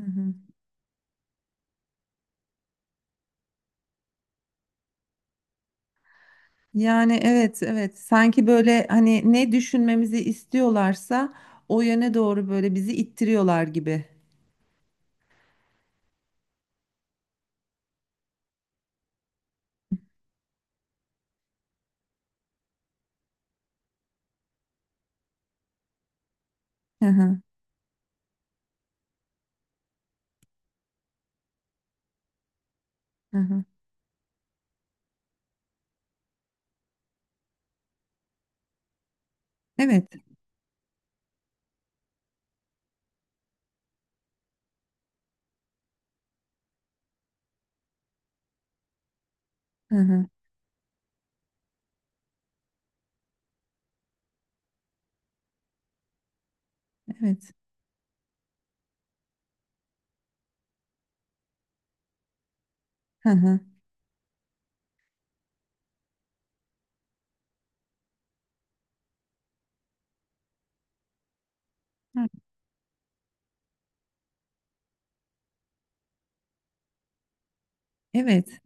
Hı hı. Yani evet evet sanki böyle hani ne düşünmemizi istiyorlarsa o yöne doğru böyle bizi ittiriyorlar gibi. Hı hı, hı hı. Evet. Hı hı, evet. Hı hı. Evet.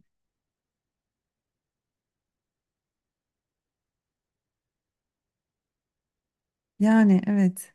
Yani evet.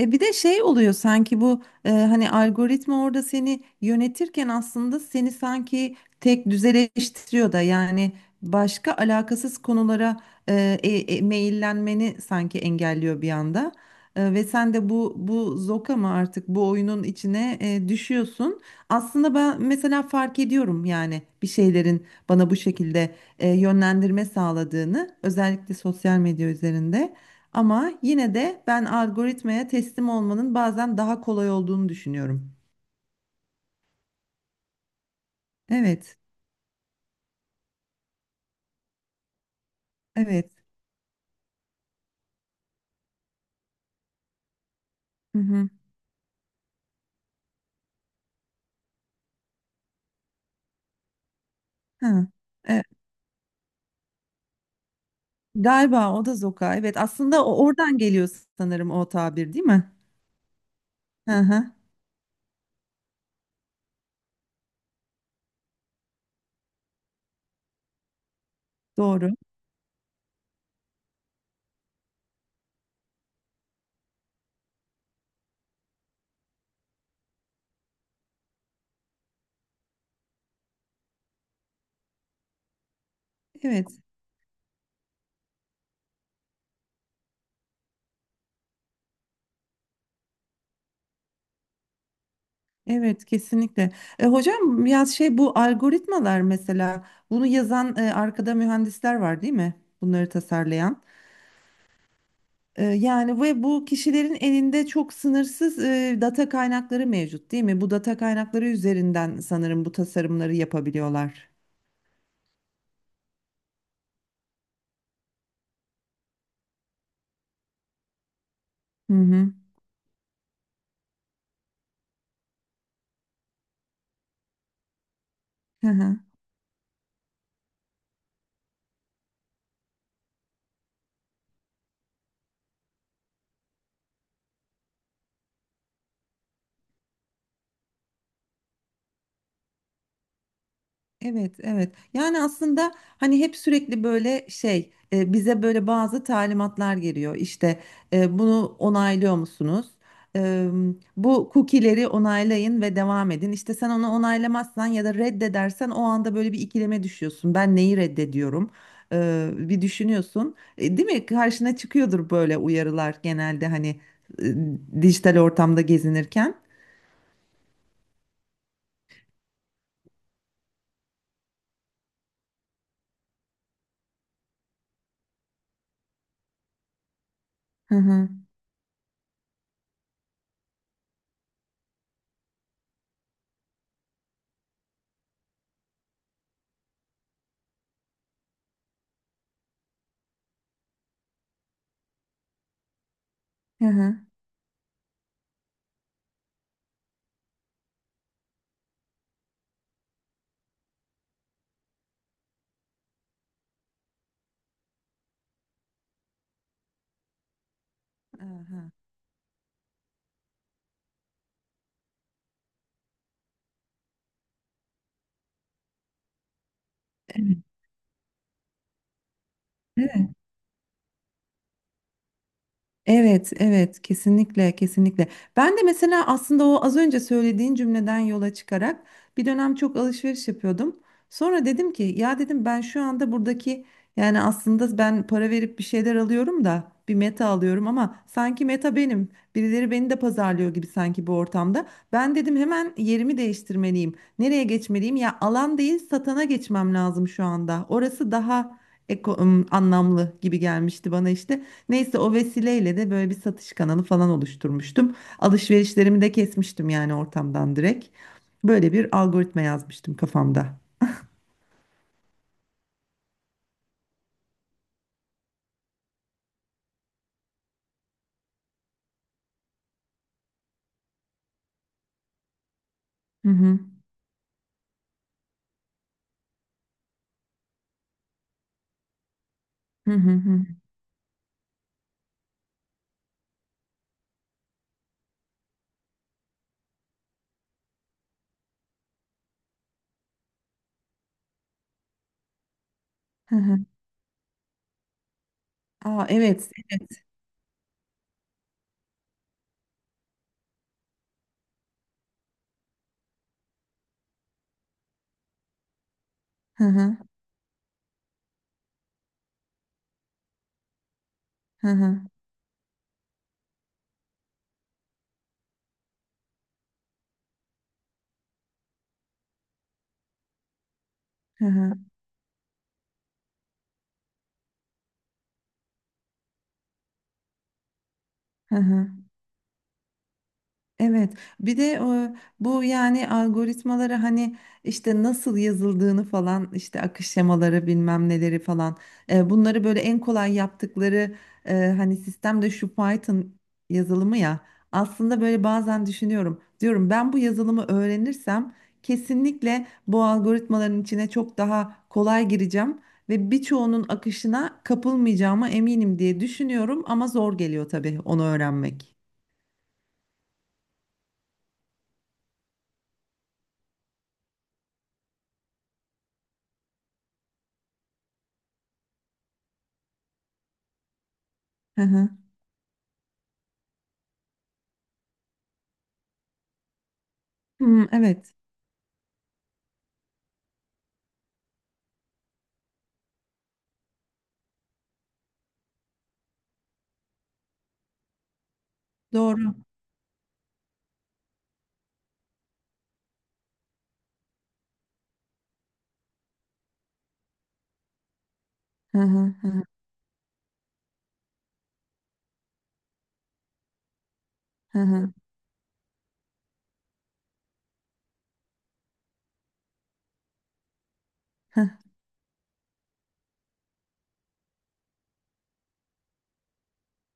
Bir de şey oluyor sanki bu hani algoritma orada seni yönetirken aslında seni sanki tek düzeleştiriyor da yani başka alakasız konulara e, e, meyillenmeni sanki engelliyor bir anda. Ve sen de bu zoka mı artık bu oyunun içine düşüyorsun. Aslında ben mesela fark ediyorum yani bir şeylerin bana bu şekilde yönlendirme sağladığını özellikle sosyal medya üzerinde. Ama yine de ben algoritmaya teslim olmanın bazen daha kolay olduğunu düşünüyorum. Evet, evet. Hı hı. Ha. E, Galiba o da zoka. Evet, aslında o oradan geliyor sanırım o tabir, değil mi? Hı hı. Doğru. Evet. Evet, kesinlikle. Hocam ya şey bu algoritmalar mesela bunu yazan arkada mühendisler var değil mi? Bunları tasarlayan. Yani ve bu kişilerin elinde çok sınırsız data kaynakları mevcut değil mi? Bu data kaynakları üzerinden sanırım bu tasarımları yapabiliyorlar. Hı hı. Hı hı. Evet, evet. Yani aslında hani hep sürekli böyle şey bize böyle bazı talimatlar geliyor. İşte bunu onaylıyor musunuz? E, Bu cookie'leri onaylayın ve devam edin. İşte sen onu onaylamazsan ya da reddedersen o anda böyle bir ikileme düşüyorsun. Ben neyi reddediyorum? Bir düşünüyorsun. Değil mi? Karşına çıkıyordur böyle uyarılar genelde hani dijital ortamda gezinirken. Hı hı. Hı hı. Aha. Evet. Evet, evet, kesinlikle, kesinlikle. Ben de mesela aslında o az önce söylediğin cümleden yola çıkarak bir dönem çok alışveriş yapıyordum. Sonra dedim ki ya dedim ben şu anda buradaki yani aslında ben para verip bir şeyler alıyorum da bir meta alıyorum ama sanki meta benim. Birileri beni de pazarlıyor gibi sanki bu ortamda. Ben dedim hemen yerimi değiştirmeliyim. Nereye geçmeliyim? Ya alan değil satana geçmem lazım şu anda. Orası daha anlamlı gibi gelmişti bana işte. Neyse o vesileyle de böyle bir satış kanalı falan oluşturmuştum. Alışverişlerimi de kesmiştim yani ortamdan direkt. Böyle bir algoritma yazmıştım kafamda. Hı hı. Hı hı hı. Hı hı. Aa evet, evet. Hı hı. Hı hı. Hı hı. Hı hı. Evet, bir de bu yani algoritmaları hani işte nasıl yazıldığını falan işte akış şemaları bilmem neleri falan bunları böyle en kolay yaptıkları hani sistemde şu Python yazılımı ya aslında böyle bazen düşünüyorum diyorum ben bu yazılımı öğrenirsem kesinlikle bu algoritmaların içine çok daha kolay gireceğim ve birçoğunun akışına kapılmayacağıma eminim diye düşünüyorum ama zor geliyor tabii onu öğrenmek. Hı hı. Hmm, evet. Doğru. Hı hı hı hı hı. Hı.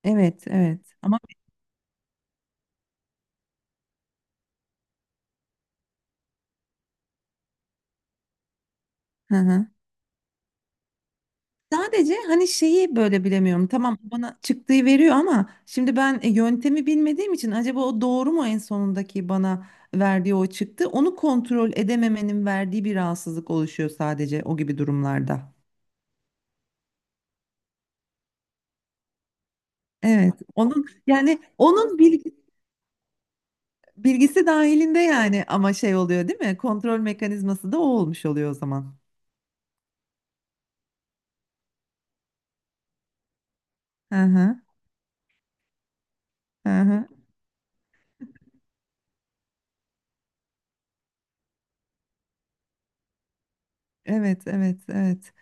Evet, evet. Ama hı hı. Sadece hani şeyi böyle bilemiyorum. Tamam bana çıktığı veriyor ama şimdi ben yöntemi bilmediğim için acaba o doğru mu en sonundaki bana verdiği o çıktı? Onu kontrol edememenin verdiği bir rahatsızlık oluşuyor sadece o gibi durumlarda. Evet. Onun yani onun bilgisi dahilinde yani ama şey oluyor değil mi? Kontrol mekanizması da o olmuş oluyor o zaman. Hı hı. Hı hı. Evet, evet, evet.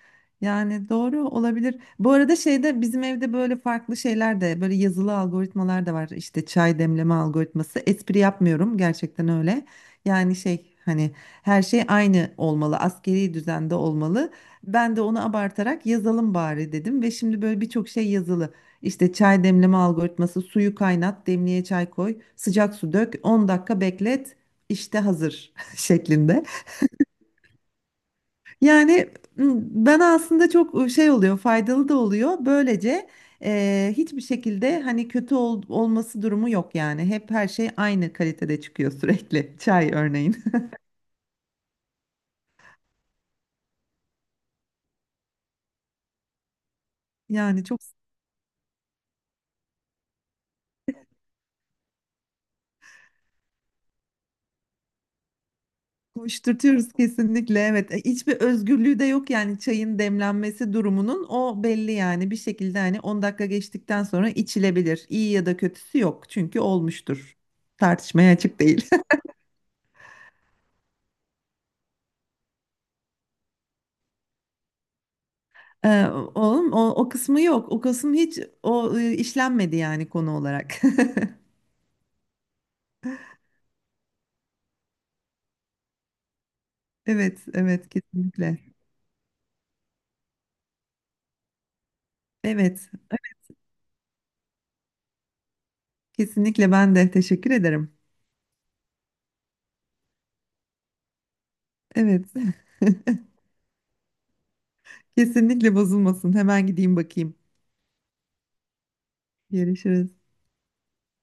Yani doğru olabilir. Bu arada şeyde bizim evde böyle farklı şeyler de böyle yazılı algoritmalar da var. İşte çay demleme algoritması. Espri yapmıyorum gerçekten öyle. Yani şey hani her şey aynı olmalı, askeri düzende olmalı. Ben de onu abartarak yazalım bari dedim ve şimdi böyle birçok şey yazılı. İşte çay demleme algoritması, suyu kaynat, demliğe çay koy, sıcak su dök, 10 dakika beklet, işte hazır şeklinde. Yani m, bana aslında çok şey oluyor, faydalı da oluyor. Böylece hiçbir şekilde hani kötü olması durumu yok yani. Hep her şey aynı kalitede çıkıyor sürekli. Çay örneğin. Yani çok koşturtuyoruz kesinlikle. Evet, hiçbir özgürlüğü de yok yani çayın demlenmesi durumunun o belli yani bir şekilde hani 10 dakika geçtikten sonra içilebilir. İyi ya da kötüsü yok çünkü olmuştur. Tartışmaya açık değil. Ee, Oğlum o kısmı yok. O kısım hiç o işlenmedi yani konu olarak. Evet, evet kesinlikle. Evet, evet kesinlikle ben de teşekkür ederim. Evet. Kesinlikle bozulmasın. Hemen gideyim bakayım. Görüşürüz.